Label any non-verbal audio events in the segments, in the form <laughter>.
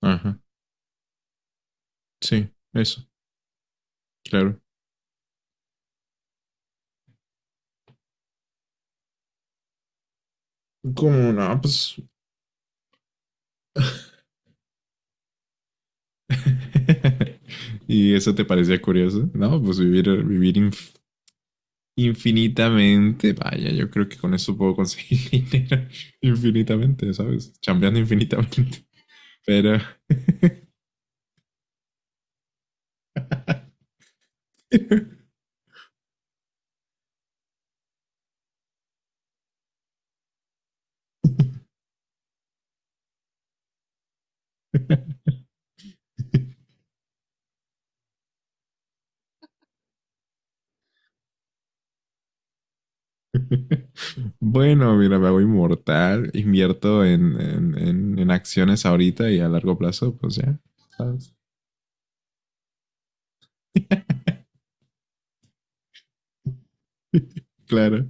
Ajá, sí, eso, claro. Como, no, pues. <laughs> ¿Y eso te parecía curioso? No, pues vivir infinitamente. Vaya, yo creo que con eso puedo conseguir <laughs> dinero infinitamente, ¿sabes? Chambeando infinitamente. Pero. <laughs> Bueno, mira, me hago inmortal, invierto en acciones ahorita y a largo plazo, pues ya, ¿sabes? <laughs> Claro,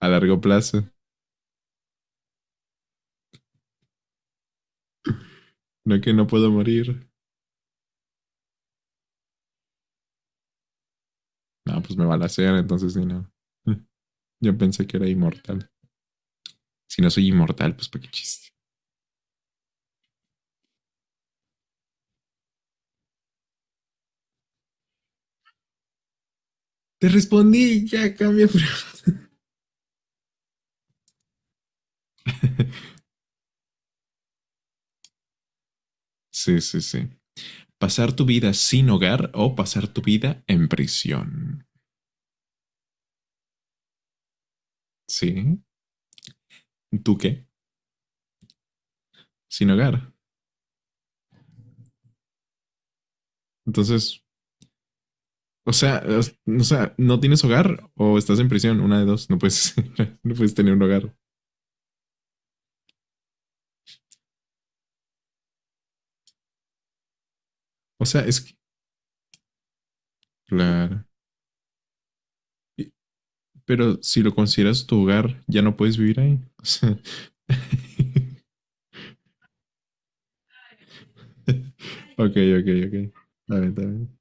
a largo plazo. No que no puedo morir. No, pues me balacean, entonces sí, no. Mm, Yo pensé que era inmortal. Si no soy inmortal, pues para qué chiste. Te respondí, ya cambia. <laughs> Sí, sí, sí. Pasar tu vida sin hogar o pasar tu vida en prisión. Sí. ¿Tú qué? Sin hogar. Entonces, o sea, o sea, no tienes hogar o estás en prisión. Una de dos. No puedes, <laughs> no puedes tener un hogar. O sea, es que, claro. Pero si lo consideras tu hogar, ya no puedes vivir ahí. <laughs> O sea. <laughs> Ok, ok, ok. Está bien, está bien.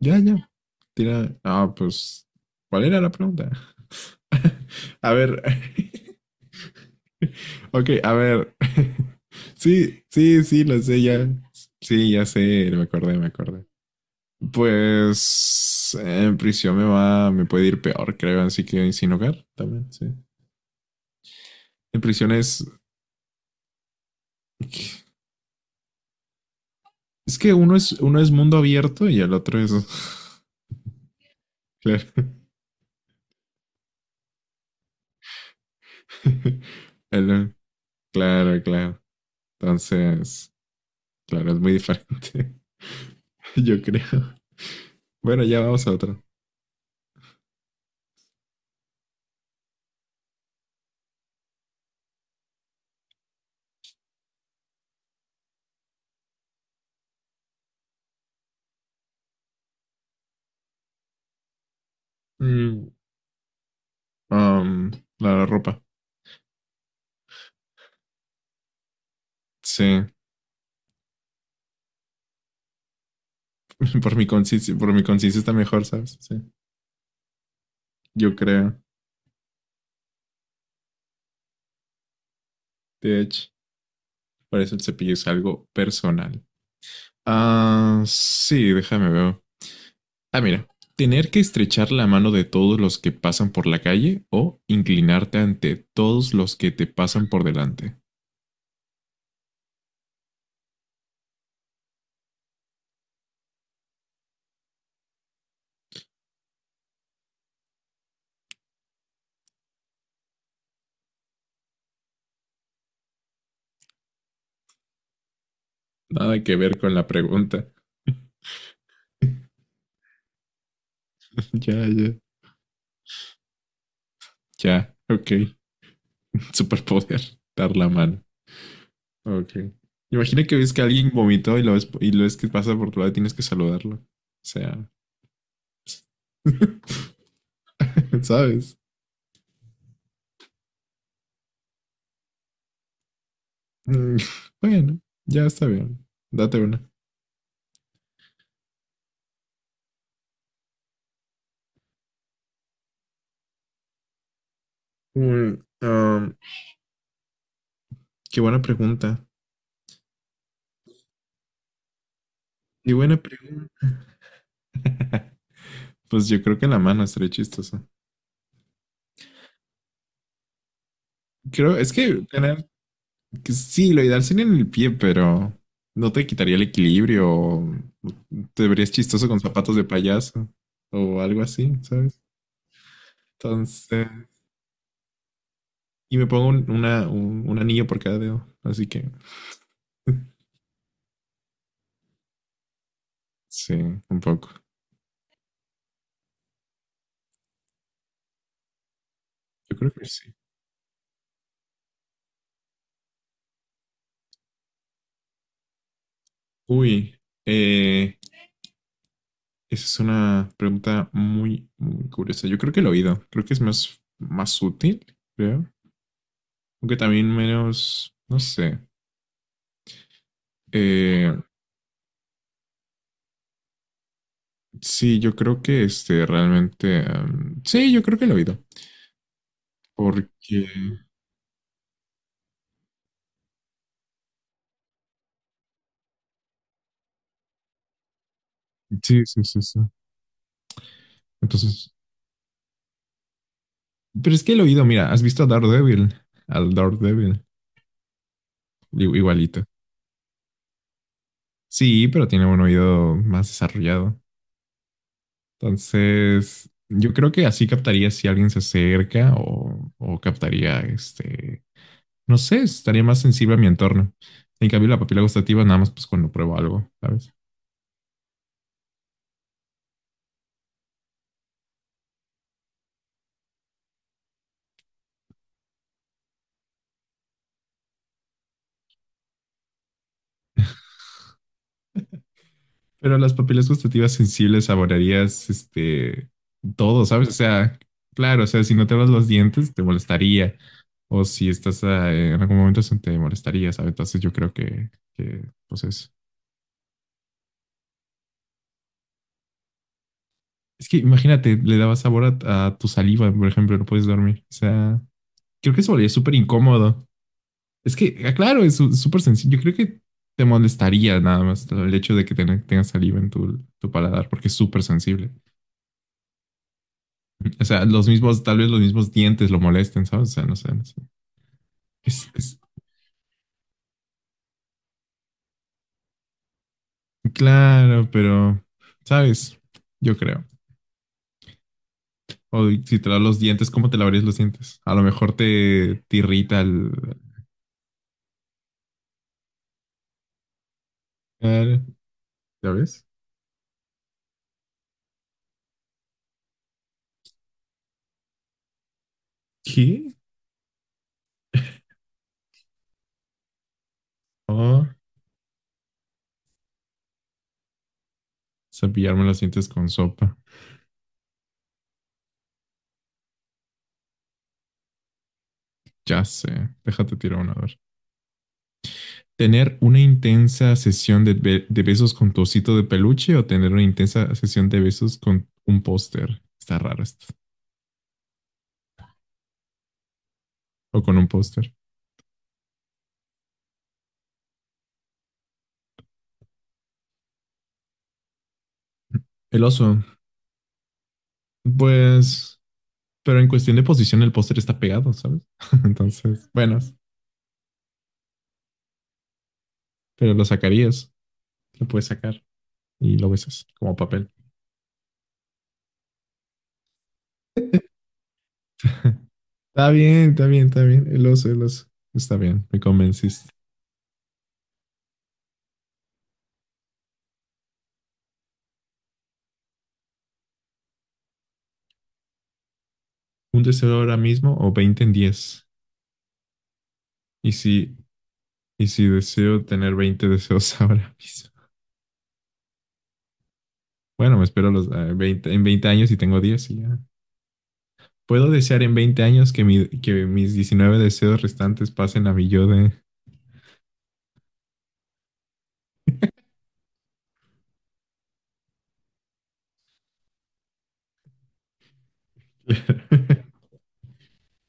Ya, ya. Tira. Ah, pues. ¿Cuál era la pregunta? <laughs> A ver. <laughs> Ok, a ver. <laughs> Sí, sí, sí, lo sé, ya. Sí, ya sé, me acordé, me acordé. Pues en prisión me puede ir peor, creo, así que sin hogar también, sí. En prisión es que uno es mundo abierto y el otro es. <laughs> Claro. <laughs> El- Claro, claro. Entonces, claro, es muy diferente. <laughs> Yo creo. Bueno, ya vamos a otra. Mm, um, la ropa. Sí. <laughs> Por mi consistencia está mejor, ¿sabes? Sí. Yo creo. De hecho, por eso el cepillo es algo personal. Ah, sí, déjame ver. Ah, mira. Tener que estrechar la mano de todos los que pasan por la calle o inclinarte ante todos los que te pasan por delante. Nada que ver con la pregunta. <laughs> Ya, ya. Ya, ok. <laughs> Superpoder, dar la mano. Ok. Imagina que ves que alguien vomitó y lo ves, que pasa por tu lado y tienes que saludarlo. O sea. <laughs> ¿Sabes? Mm, Bueno, ya está bien. Date una. Mm, um, qué buena pregunta. Qué buena pregunta. <laughs> Pues yo creo que la mano estaría chistosa. Creo, es que tener, que sí, lo ideal sería en el pie, pero no te quitaría el equilibrio. O Te verías chistoso con zapatos de payaso o algo así, ¿sabes? Entonces, y me pongo un anillo por cada dedo, así que <laughs> sí, un poco. Yo creo que sí. Uy, eh, esa es una pregunta muy, muy curiosa. Yo creo que el oído, creo que es más, más útil, creo. Aunque también menos, no sé. Eh, Sí, yo creo que este realmente, sí, yo creo que el oído. Porque. Sí, sí, sí, sí. Entonces. Pero es que el oído, mira, ¿has visto a Daredevil? Al Daredevil. Igualito. Sí, pero tiene un oído más desarrollado. Entonces. Yo creo que así captaría si alguien se acerca o captaría este. No sé, estaría más sensible a mi entorno. En cambio, la papila gustativa, nada más pues cuando pruebo algo, ¿sabes? Pero las papilas gustativas sensibles saborearías este todo, ¿sabes? O sea, claro, o sea, si no te lavas los dientes te molestaría. O si estás en algún momento se te molestaría, ¿sabes? Entonces yo creo que pues eso. Es que imagínate, le daba sabor a tu saliva, por ejemplo, no puedes dormir. O sea, creo que se volvería súper incómodo. Es que, claro, es súper sencillo. Yo creo que te molestaría nada más el hecho de que tengas saliva en tu paladar, porque es súper sensible. O sea, tal vez los mismos dientes lo molesten, ¿sabes? O sea, no sé. No sé. Es, es- claro, pero, ¿sabes? Yo creo. O si te lavas los dientes, ¿cómo te lavarías los dientes? A lo mejor te irrita el. Claro. ¿Ya ves? ¿Qué? O cepillarme los dientes con sopa. Ya sé. Déjate tirar una vez. ¿Tener una intensa sesión de besos con tu osito de peluche o tener una intensa sesión de besos con un póster? Está raro esto. O con un póster. El oso. Pues, pero en cuestión de posición, el póster está pegado, ¿sabes? <laughs> Entonces, bueno, pero lo puedes sacar y lo besas como papel. <laughs> Está bien, está bien, está bien. El oso, el oso. Está bien, me convenciste. ¿Un deseo ahora mismo o 20 en 10? Y si, y si deseo tener 20 deseos <laughs> ahora mismo. Bueno, me espero los, 20, en 20 años y tengo 10 y ya. ¿Puedo desear en 20 años que mis 19 deseos restantes pasen a mi yo de. <laughs>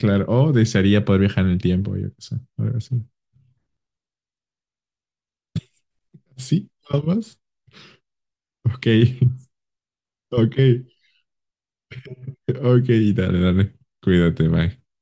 Claro, o desearía poder viajar en el tiempo, yo qué sé, algo así. ¿Sí? ¿Nada más? Ok, <laughs> ok, ok, dale, dale. Cuídate, Mike.